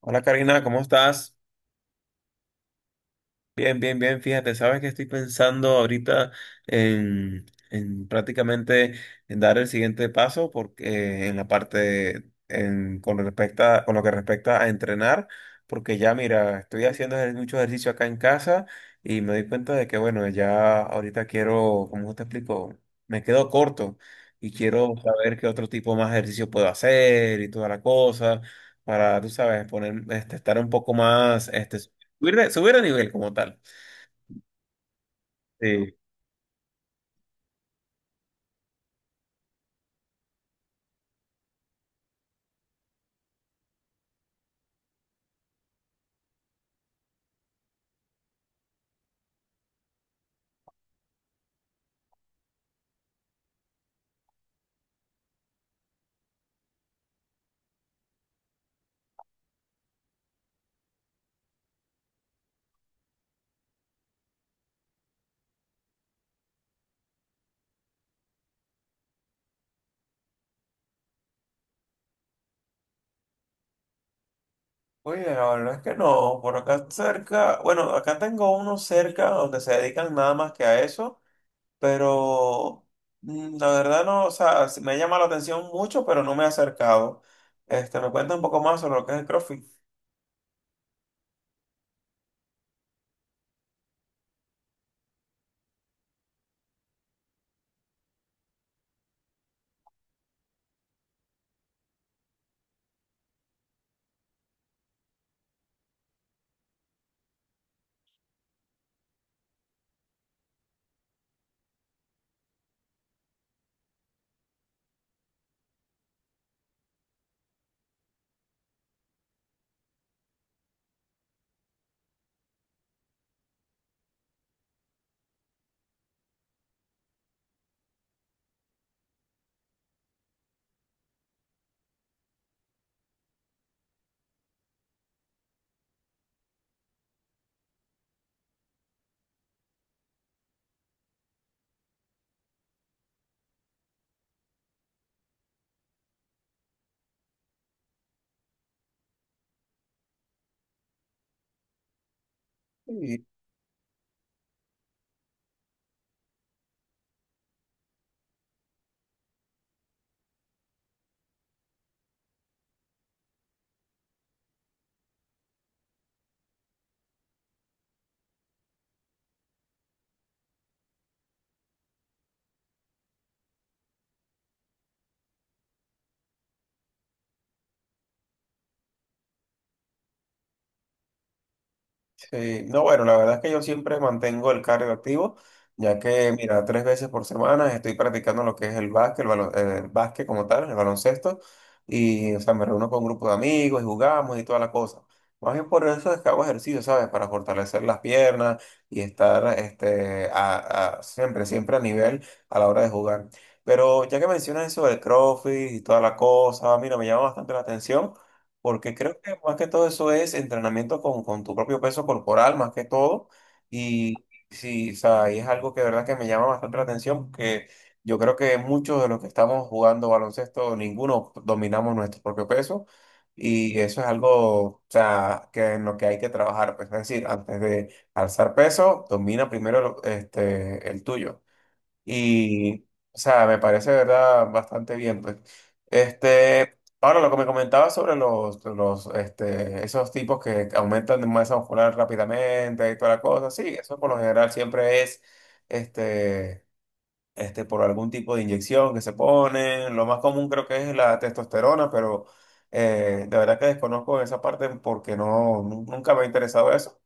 Hola Karina, ¿cómo estás? Bien, bien, bien, fíjate, sabes que estoy pensando ahorita en prácticamente en dar el siguiente paso porque en la parte con con lo que respecta a entrenar, porque ya mira, estoy haciendo mucho ejercicio acá en casa y me doy cuenta de que bueno, ya ahorita quiero, como te explico? Me quedo corto y quiero saber qué otro tipo más de ejercicio puedo hacer y toda la cosa para, tú sabes, poner, estar un poco más subir de nivel como tal. Sí. Oye, la verdad es que no. Por acá cerca, bueno, acá tengo uno cerca donde se dedican nada más que a eso, pero la verdad no, o sea, sí me llama la atención mucho, pero no me he acercado. ¿Me cuenta un poco más sobre lo que es el CrossFit? Sí, no, bueno, la verdad es que yo siempre mantengo el cardio activo, ya que, mira, tres veces por semana estoy practicando lo que es el básquet, el básquet como tal, el baloncesto, y, o sea, me reúno con un grupo de amigos y jugamos y toda la cosa. Más bien por eso es que hago ejercicio, ¿sabes? Para fortalecer las piernas y estar, siempre, siempre a nivel a la hora de jugar. Pero ya que mencionas eso del CrossFit y toda la cosa, mira, me llama bastante la atención. Porque creo que más que todo eso es entrenamiento con tu propio peso corporal, más que todo. Y sí, o sea, y es algo que de verdad que me llama bastante la atención, porque yo creo que muchos de los que estamos jugando baloncesto, ninguno dominamos nuestro propio peso. Y eso es algo, o sea, que en lo que hay que trabajar. Pues, es decir, antes de alzar peso, domina primero el tuyo. Y, o sea, me parece, de verdad, bastante bien, pues. Ahora lo que me comentaba sobre los esos tipos que aumentan de masa muscular rápidamente y toda la cosa, sí, eso por lo general siempre es, este, por algún tipo de inyección que se ponen. Lo más común creo que es la testosterona, pero de verdad que desconozco esa parte porque no, nunca me ha interesado eso.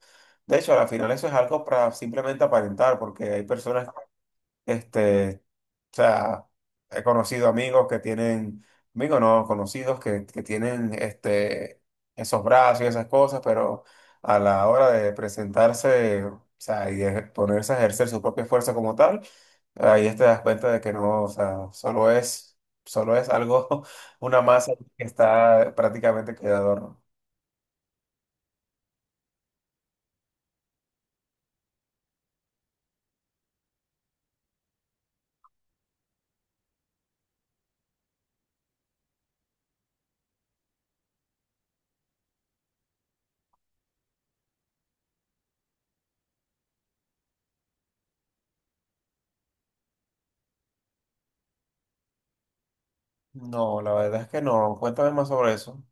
De hecho, al final eso es algo para simplemente aparentar, porque hay personas, este, o sea, he conocido amigos que tienen, amigos no, conocidos que tienen, esos brazos y esas cosas, pero a la hora de presentarse, o sea, y de ponerse a ejercer su propia fuerza como tal, ahí te das cuenta de que no, o sea, solo es algo, una masa que está prácticamente que de adorno. No, la verdad es que no. Cuéntame más sobre eso.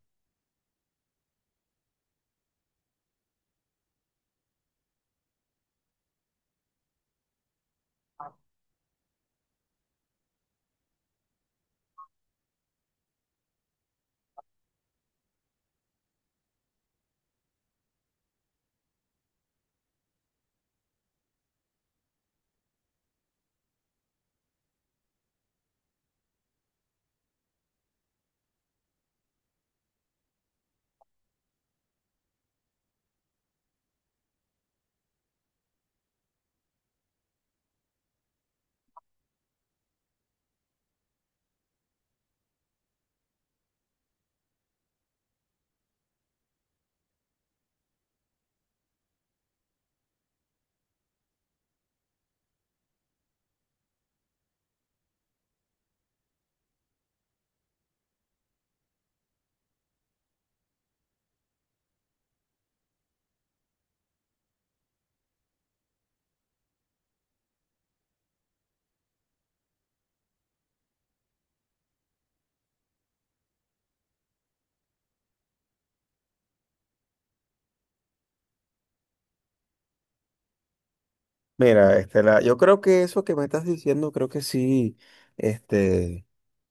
Mira, Estela, yo creo que eso que me estás diciendo, creo que sí. este,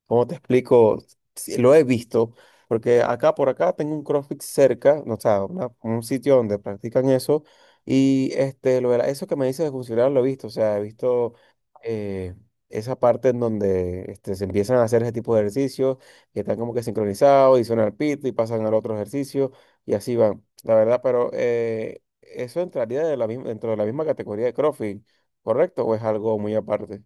¿Cómo te explico? Sí, lo he visto, porque acá por acá tengo un CrossFit cerca, no, o sea, un sitio donde practican eso, y lo de eso que me dices de funcionar lo he visto, o sea, he visto, eh, esa parte en donde se empiezan a hacer ese tipo de ejercicios, que están como que sincronizados, y suenan al pito y pasan al otro ejercicio, y así van, la verdad, pero eso entraría de la misma, dentro de la misma categoría de CrossFit, ¿correcto? ¿O es algo muy aparte?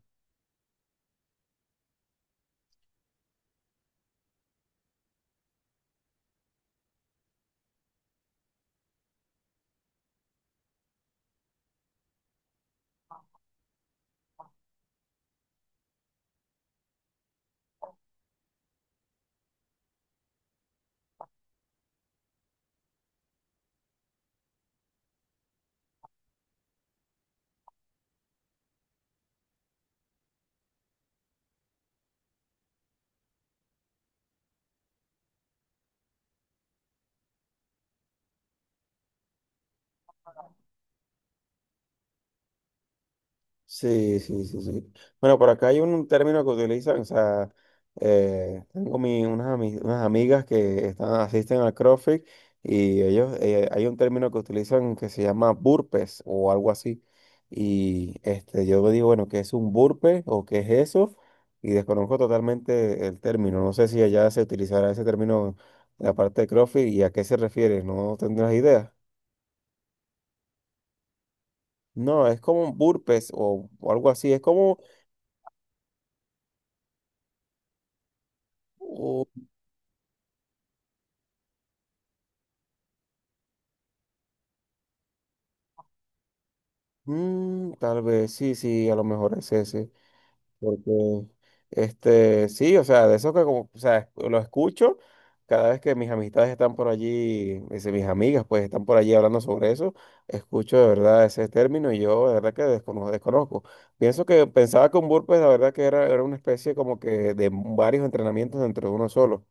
Sí, sí, sí, sí. Bueno, por acá hay un término que utilizan, o sea, tengo unas amigas que están, asisten al CrossFit y ellos, hay un término que utilizan que se llama burpees o algo así. Y yo me digo, bueno, ¿qué es un burpee o qué es eso? Y desconozco totalmente el término. No sé si allá se utilizará ese término en la parte de CrossFit y a qué se refiere, no tendrás idea. No, es como un burpees o algo así, es como. Mm, tal vez, sí, sí, a lo mejor es ese, porque, sí, o sea, de eso que como, o sea, lo escucho cada vez que mis amistades están por allí, dice, mis amigas, pues, están por allí hablando sobre eso, escucho de verdad ese término y yo de verdad que descono- desconozco. Pienso que pensaba que un burpee, la verdad que era una especie como que de varios entrenamientos dentro de uno solo.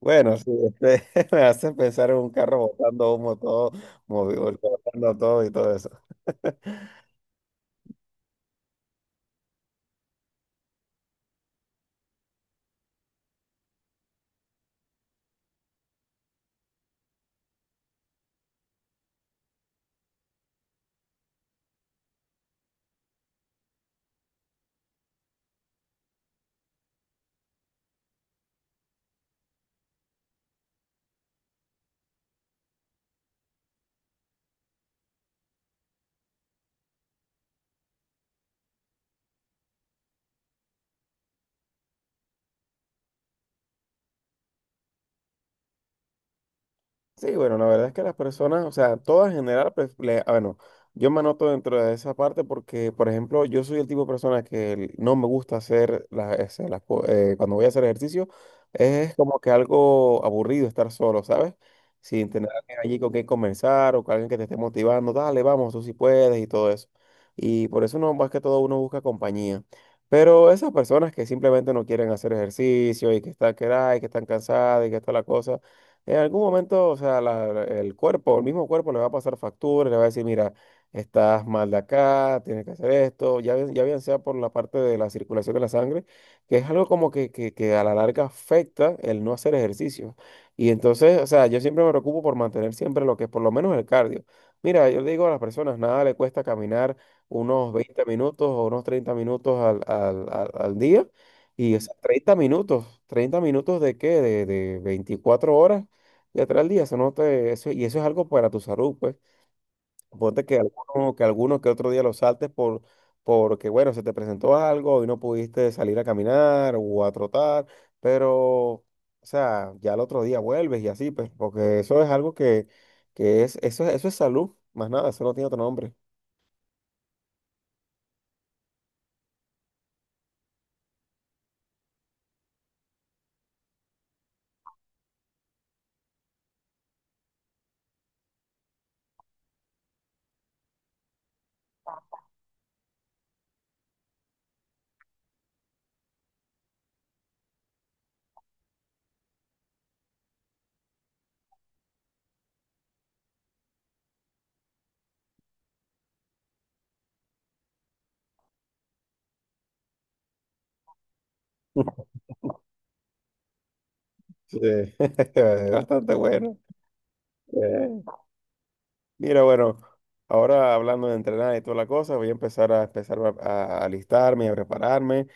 Bueno, sí, me hace pensar en un carro botando humo todo, movido, botando todo y todo eso. Sí, bueno, la verdad es que las personas, o sea, todas en general, pues, bueno, yo me anoto dentro de esa parte porque, por ejemplo, yo soy el tipo de persona no me gusta hacer cuando voy a hacer ejercicio, es como que algo aburrido estar solo, ¿sabes? Sin tener a alguien allí con quien conversar o con alguien que te esté motivando, dale, vamos, tú sí puedes y todo eso. Y por eso no, más que todo uno busca compañía. Pero esas personas que simplemente no quieren hacer ejercicio y que están, que están cansadas y que está la cosa. En algún momento, o sea, el cuerpo, el mismo cuerpo le va a pasar factura, le va a decir, mira, estás mal de acá, tienes que hacer esto, ya, ya bien sea por la parte de la circulación de la sangre, que es algo como que a la larga afecta el no hacer ejercicio. Y entonces, o sea, yo siempre me preocupo por mantener siempre lo que es por lo menos el cardio. Mira, yo le digo a las personas, nada le cuesta caminar unos 20 minutos o unos 30 minutos al día. Y, o sea, 30 minutos, 30 minutos de qué, de 24 horas, ya trae al día, eso no te, eso, y eso es algo para tu salud, pues. Ponte que alguno, que alguno que otro día lo saltes porque, bueno, se te presentó algo y no pudiste salir a caminar o a trotar, pero, o sea, ya al otro día vuelves y así, pues, porque eso es algo que es, eso es salud, más nada, eso no tiene otro nombre. Sí, es bastante bueno. Mira, bueno, ahora hablando de entrenar y toda la cosa, voy a empezar a alistarme, y a prepararme,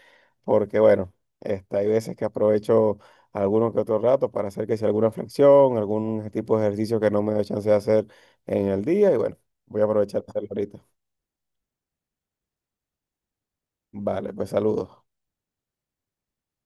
porque bueno, hay veces que aprovecho algunos que otro rato para hacer que sea alguna flexión, algún tipo de ejercicio que no me da chance de hacer en el día, y bueno, voy a aprovechar de hacerlo ahorita. Vale, pues saludos.